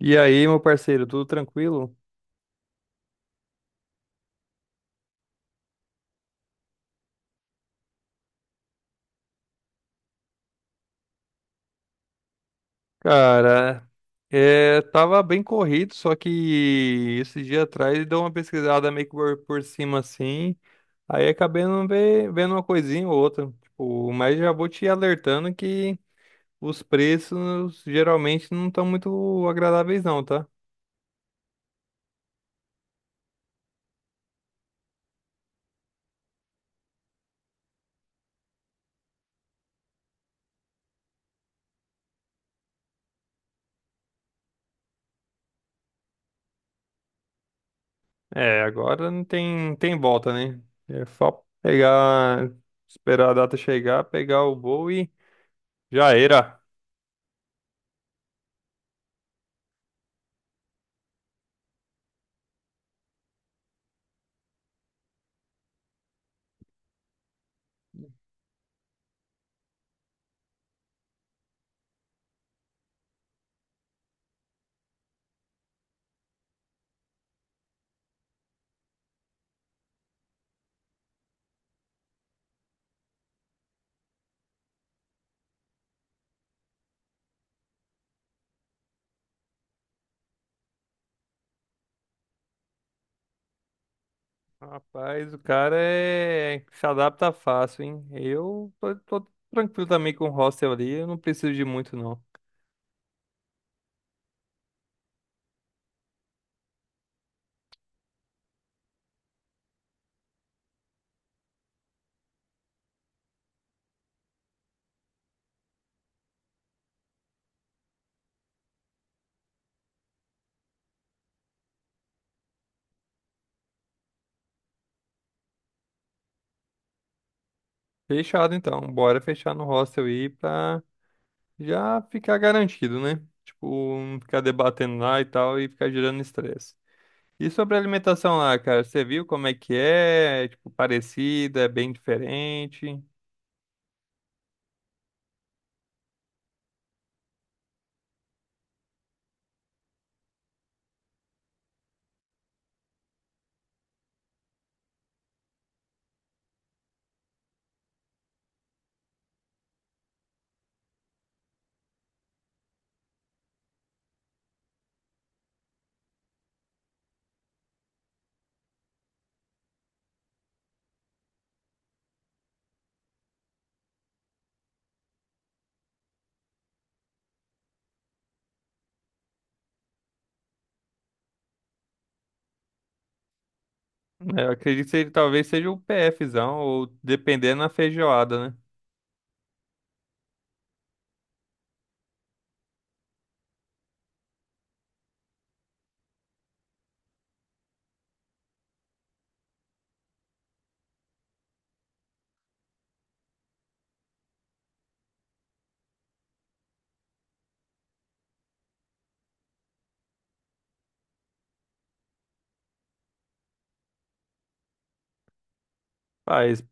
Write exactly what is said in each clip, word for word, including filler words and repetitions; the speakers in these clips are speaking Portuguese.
E aí, meu parceiro, tudo tranquilo? Cara, é, tava bem corrido, só que esse dia atrás deu uma pesquisada meio que por, por cima assim, aí acabei não ve- vendo uma coisinha ou outra, tipo, mas já vou te alertando que os preços geralmente não estão muito agradáveis não, tá? É, agora não tem, tem volta, né? É só pegar, esperar a data chegar, pegar o voo e já era. Rapaz, o cara é se adapta fácil, hein? Eu tô, tô tranquilo também com o hostel ali, eu não preciso de muito, não. Fechado então, bora fechar no hostel aí pra já ficar garantido, né? Tipo, não ficar debatendo lá e tal e ficar gerando estresse. E sobre a alimentação lá, cara, você viu como é que é? É, tipo, parecida, é bem diferente. É, eu acredito que ele talvez seja o PFzão, ou dependendo da feijoada, né? Paz,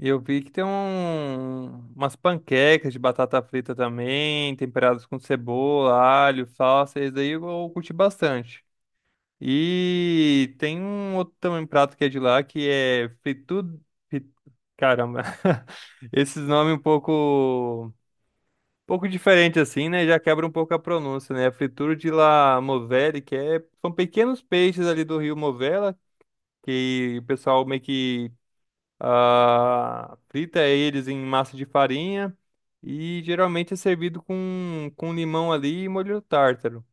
e eu vi que tem um, umas panquecas de batata frita também, temperadas com cebola, alho, salsa, esse daí eu, eu curti bastante. E tem um outro também prato que é de lá, que é fritu... fri- caramba, esses nomes um pouco, um pouco diferente assim, né? Já quebra um pouco a pronúncia, né? Fritura de la Movele, que é são pequenos peixes ali do rio Movela, que o pessoal meio que ah, frita eles em massa de farinha e geralmente é servido com, com limão ali e molho tártaro.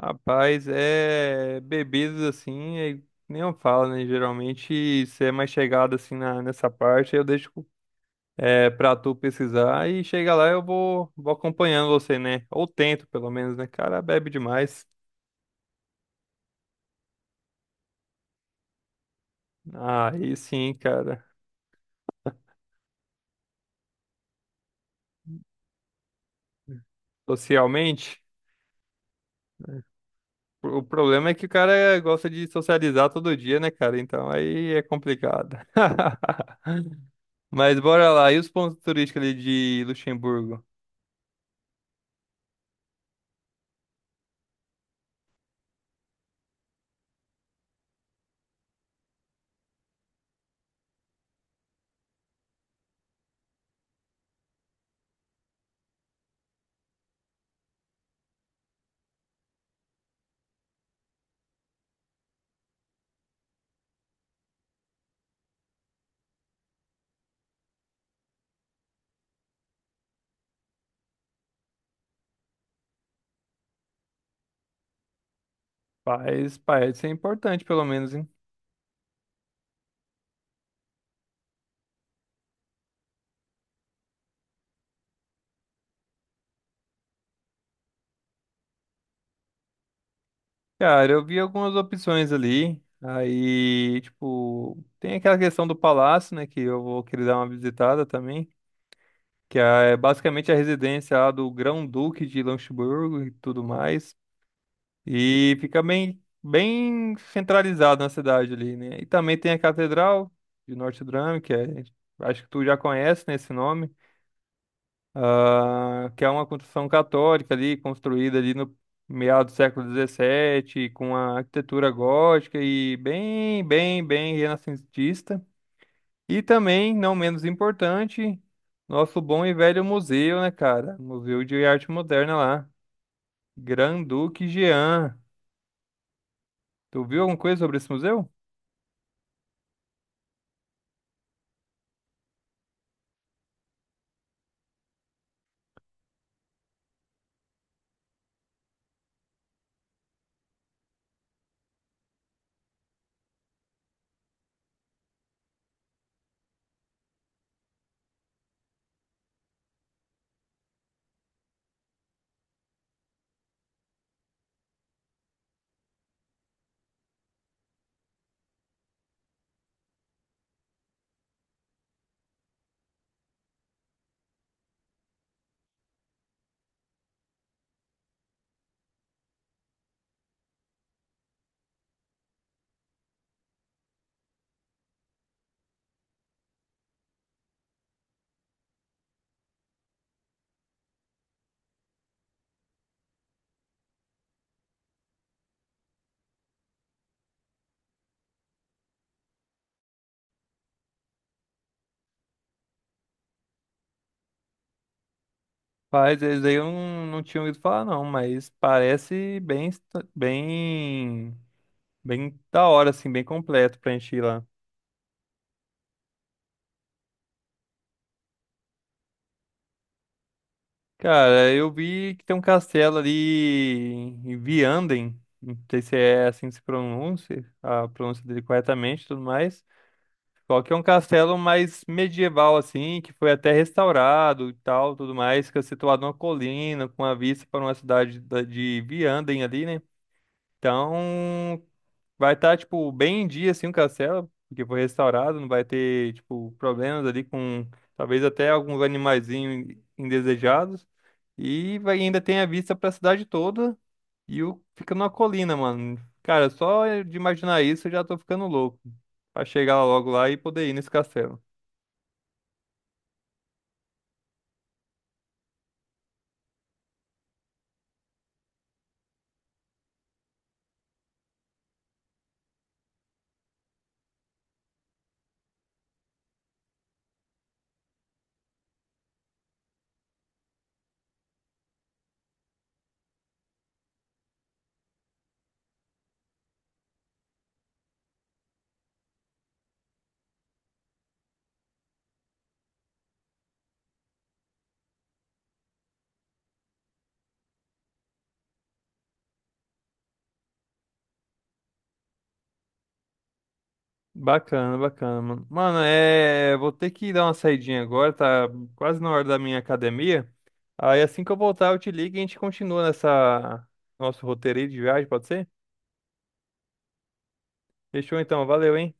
Rapaz, é bebidas assim, é- nem eu falo, né? Geralmente, se é mais chegado assim na, nessa parte, eu deixo é, pra tu pesquisar e chega lá eu vou, vou acompanhando você, né? Ou tento, pelo menos, né? Cara, bebe demais. Aí sim, cara. Socialmente. O problema é que o cara gosta de socializar todo dia, né, cara? Então aí é complicado. Mas bora lá. E os pontos turísticos ali de Luxemburgo? Faz, parece ser importante, pelo menos, hein? Cara, eu vi algumas opções ali. Aí, tipo, tem aquela questão do palácio, né? Que eu vou querer dar uma visitada também. Que é basicamente a residência lá do Grão-Duque de Luxemburgo e tudo mais. E fica bem, bem centralizado na cidade ali, né? E também tem a Catedral de Notre Dame, que é, acho que tu já conhece, né, esse nome, ah, que é uma construção católica ali, construída ali no meado do século dezessete, com a arquitetura gótica e bem, bem, bem renascentista. E também, não menos importante, nosso bom e velho museu, né, cara? Museu de Arte Moderna lá, Grand-Duque Jean. Tu viu alguma coisa sobre esse museu? Faz, esse daí eu não, não tinha ouvido falar, não, mas parece bem, esta- bem, bem da hora, assim, bem completo pra gente ir lá. Cara, eu vi que tem um castelo ali em Vianden, não sei se é assim que se pronuncia, a pronúncia dele corretamente e tudo mais. Só que é um castelo mais medieval, assim, que foi até restaurado e tal, tudo mais, que é situado numa colina, com uma vista para uma cidade da- de Vianden ali, né? Então, vai estar, tipo, bem em dia, assim, o castelo, porque foi restaurado, não vai ter, tipo, problemas ali com, talvez até alguns animaizinhos indesejados. E vai, ainda tem a vista pra cidade toda e o, fica numa colina, mano. Cara, só de imaginar isso eu já tô ficando louco. Pra chegar logo lá e poder ir nesse castelo. Bacana, bacana, mano. Mano, é. Vou ter que dar uma saidinha agora, tá quase na hora da minha academia. Aí assim que eu voltar, eu te ligo e a gente continua nessa. Nosso roteiro aí de viagem, pode ser? Fechou então, valeu, hein?